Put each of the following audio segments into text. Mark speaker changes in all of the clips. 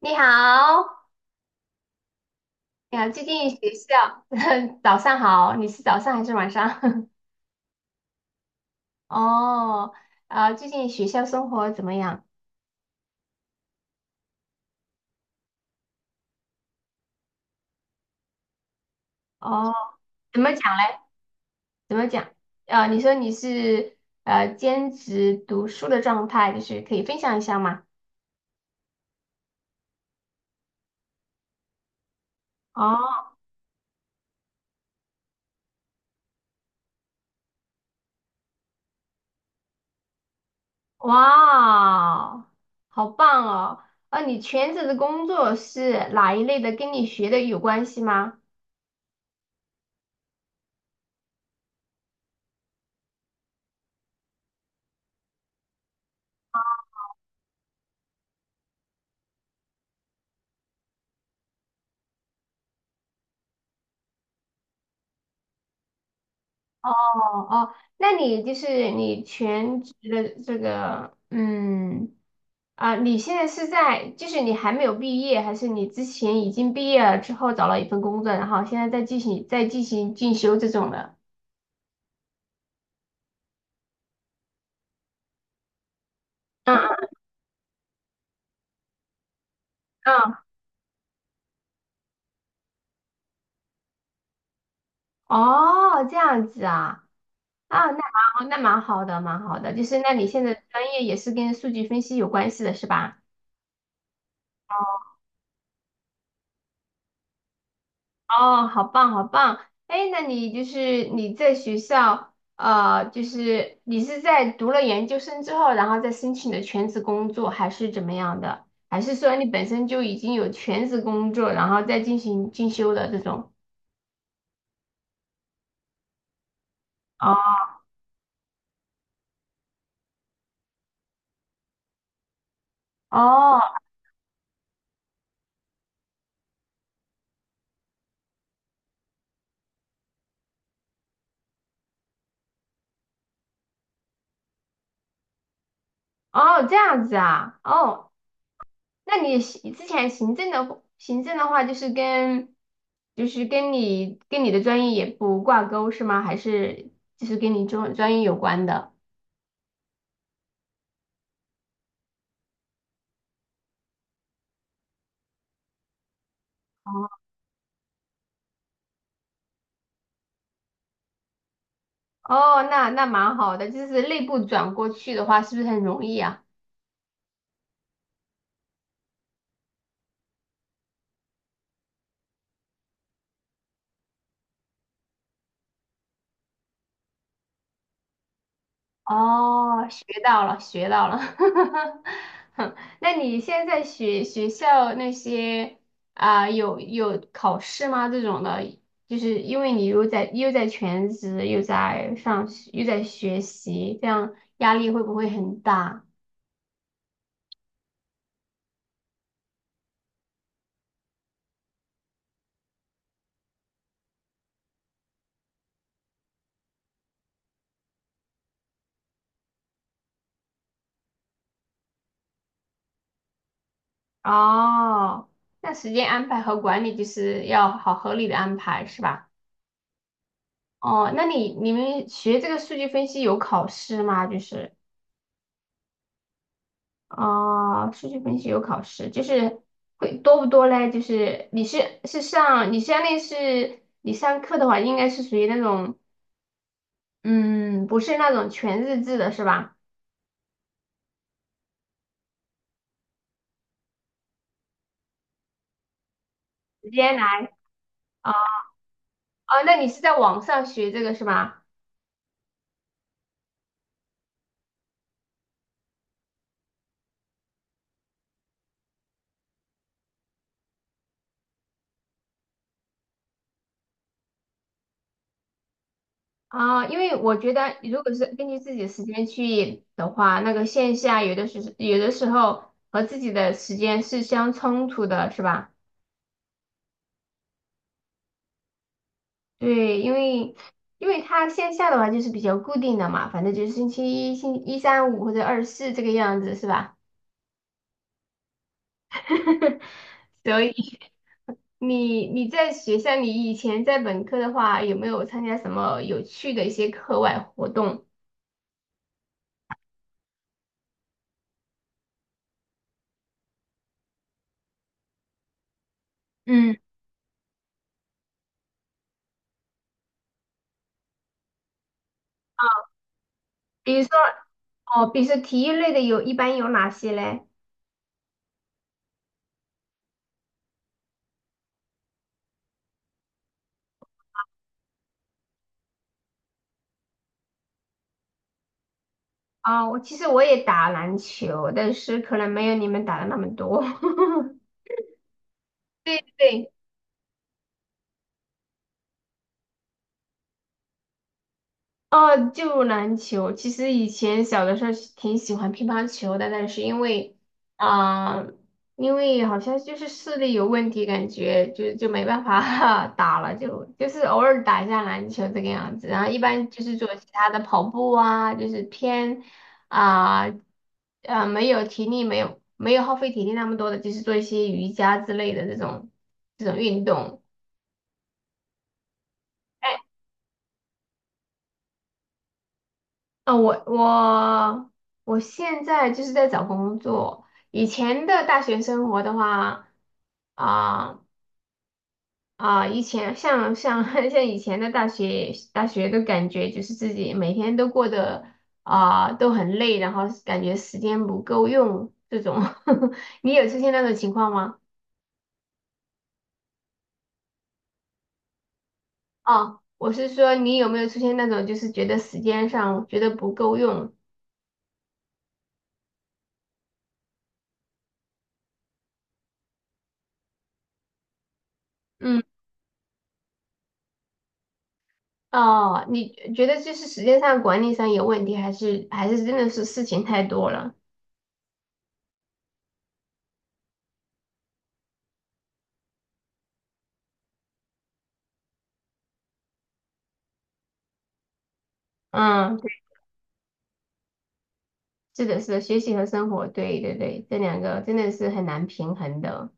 Speaker 1: 你好，你好，最近学校，早上好，你是早上还是晚上？哦，啊，最近学校生活怎么样？哦，怎么讲嘞？怎么讲？啊，你说你是兼职读书的状态，就是可以分享一下吗？哦，哇，好棒哦！啊，你全职的工作是哪一类的？跟你学的有关系吗？哦哦，那你就是你全职的这个，嗯。啊，你现在是在，就是你还没有毕业，还是你之前已经毕业了之后找了一份工作，然后现在在进行进修这种的？嗯嗯，哦，这样子啊，啊，那蛮好，那蛮好的，蛮好的，就是那你现在专业也是跟数据分析有关系的是吧？哦，好棒，好棒！哎，那你就是你在学校，就是你是在读了研究生之后，然后再申请的全职工作，还是怎么样的？还是说你本身就已经有全职工作，然后再进行进修的这种？哦哦哦，这样子啊，哦，那你之前行政的话，就是跟就是跟你跟你的专业也不挂钩是吗？还是就是跟你专业有关的？哦。哦，那蛮好的，就是内部转过去的话，是不是很容易啊？哦，学到了，学到了。哼，那你现在学校那些有考试吗？这种的，就是因为你又在全职，又在上学，又在学习，这样压力会不会很大？哦，那时间安排和管理就是要好合理的安排，是吧？哦，那你们学这个数据分析有考试吗？就是数据分析有考试，就是会多不多嘞？就是你相当于是你上课的话，应该是属于那种嗯，不是那种全日制的是吧？直接来哦，那你是在网上学这个是吧？因为我觉得如果是根据自己的时间去的话，那个线下有的时候和自己的时间是相冲突的，是吧？对，因为它线下的话就是比较固定的嘛，反正就是星期一、星一三五或者二四这个样子，是吧？所以你在学校，你以前在本科的话，有没有参加什么有趣的一些课外活动？嗯，比如说，哦，比如说体育类的有，一般有哪些嘞？其实我也打篮球，但是可能没有你们打的那么多。对对，哦，就篮球。其实以前小的时候是挺喜欢乒乓球的，但是因为啊、因为好像就是视力有问题，感觉就没办法 打了，就是偶尔打一下篮球这个样子。然后一般就是做其他的跑步啊，就是偏啊没有体力，没有耗费体力那么多的，就是做一些瑜伽之类的这种运动。哎啊，我现在就是在找工作。以前的大学生活的话，啊、以前像 像以前的大学的感觉，就是自己每天都过得都很累，然后感觉时间不够用这种。你有出现那种情况吗？哦，我是说你有没有出现那种就是觉得时间上觉得不够用？嗯。哦，你觉得这是时间上管理上有问题，还是真的是事情太多了？嗯，对，是的，是的，学习和生活，对对对，这两个真的是很难平衡的。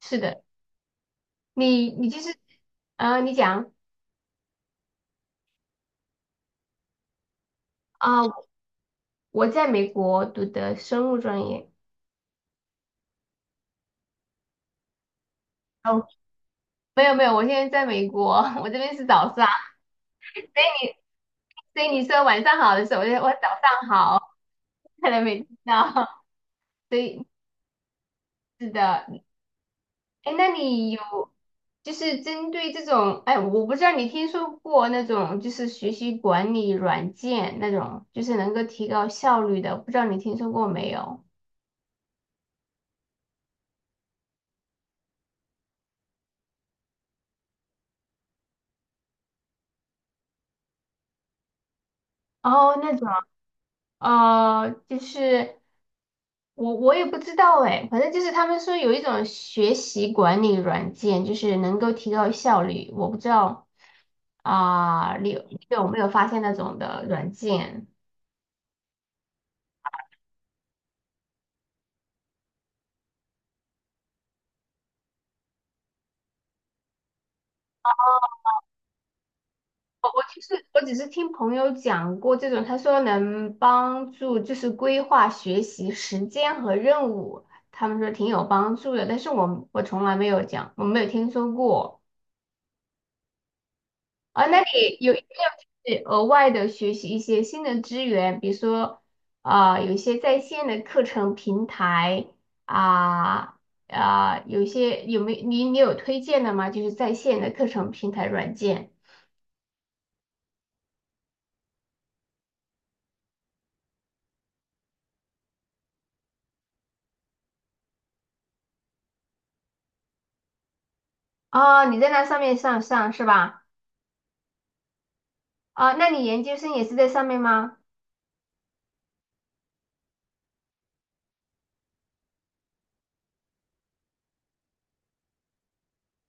Speaker 1: 是的，你就是你讲啊，我在美国读的生物专业。哦，没有没有，我现在在美国，我这边是早上，所以你说晚上好的时候，我就我早上好，看来没听到。所以是的，哎，那你有就是针对这种，哎，我不知道你听说过那种就是学习管理软件那种，就是能够提高效率的，不知道你听说过没有？哦，那种，就是我也不知道哎，反正就是他们说有一种学习管理软件，就是能够提高效率，我不知道啊，你有没有发现那种的软件？我只是听朋友讲过这种，他说能帮助就是规划学习时间和任务，他们说挺有帮助的，但是我从来没有讲，我没有听说过。啊，那你有没有就是额外的学习一些新的资源，比如说有一些在线的课程平台啊有一些有没你你有推荐的吗？就是在线的课程平台软件啊，你在那上面上是吧？哦，那你研究生也是在上面吗？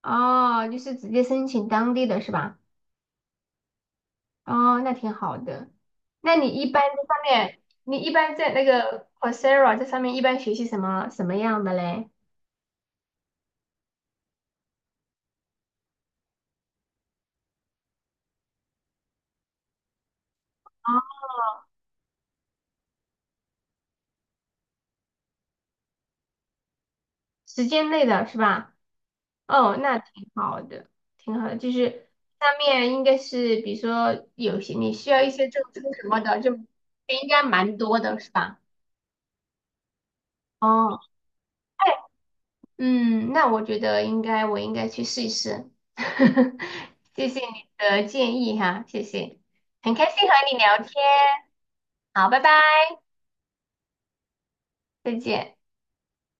Speaker 1: 哦，就是直接申请当地的是吧？哦，那挺好的。那你一般在上面，你一般在那个 Coursera 这上面一般学习什么样的嘞？哦，时间内的是吧？哦，那挺好的，挺好的。就是上面应该是，比如说有些你需要一些证书什么的，就应该蛮多的是吧？哦，哎。嗯，那我觉得应该，我应该去试一试。谢谢你的建议哈，谢谢，很开心和你聊天。好，拜拜，再见。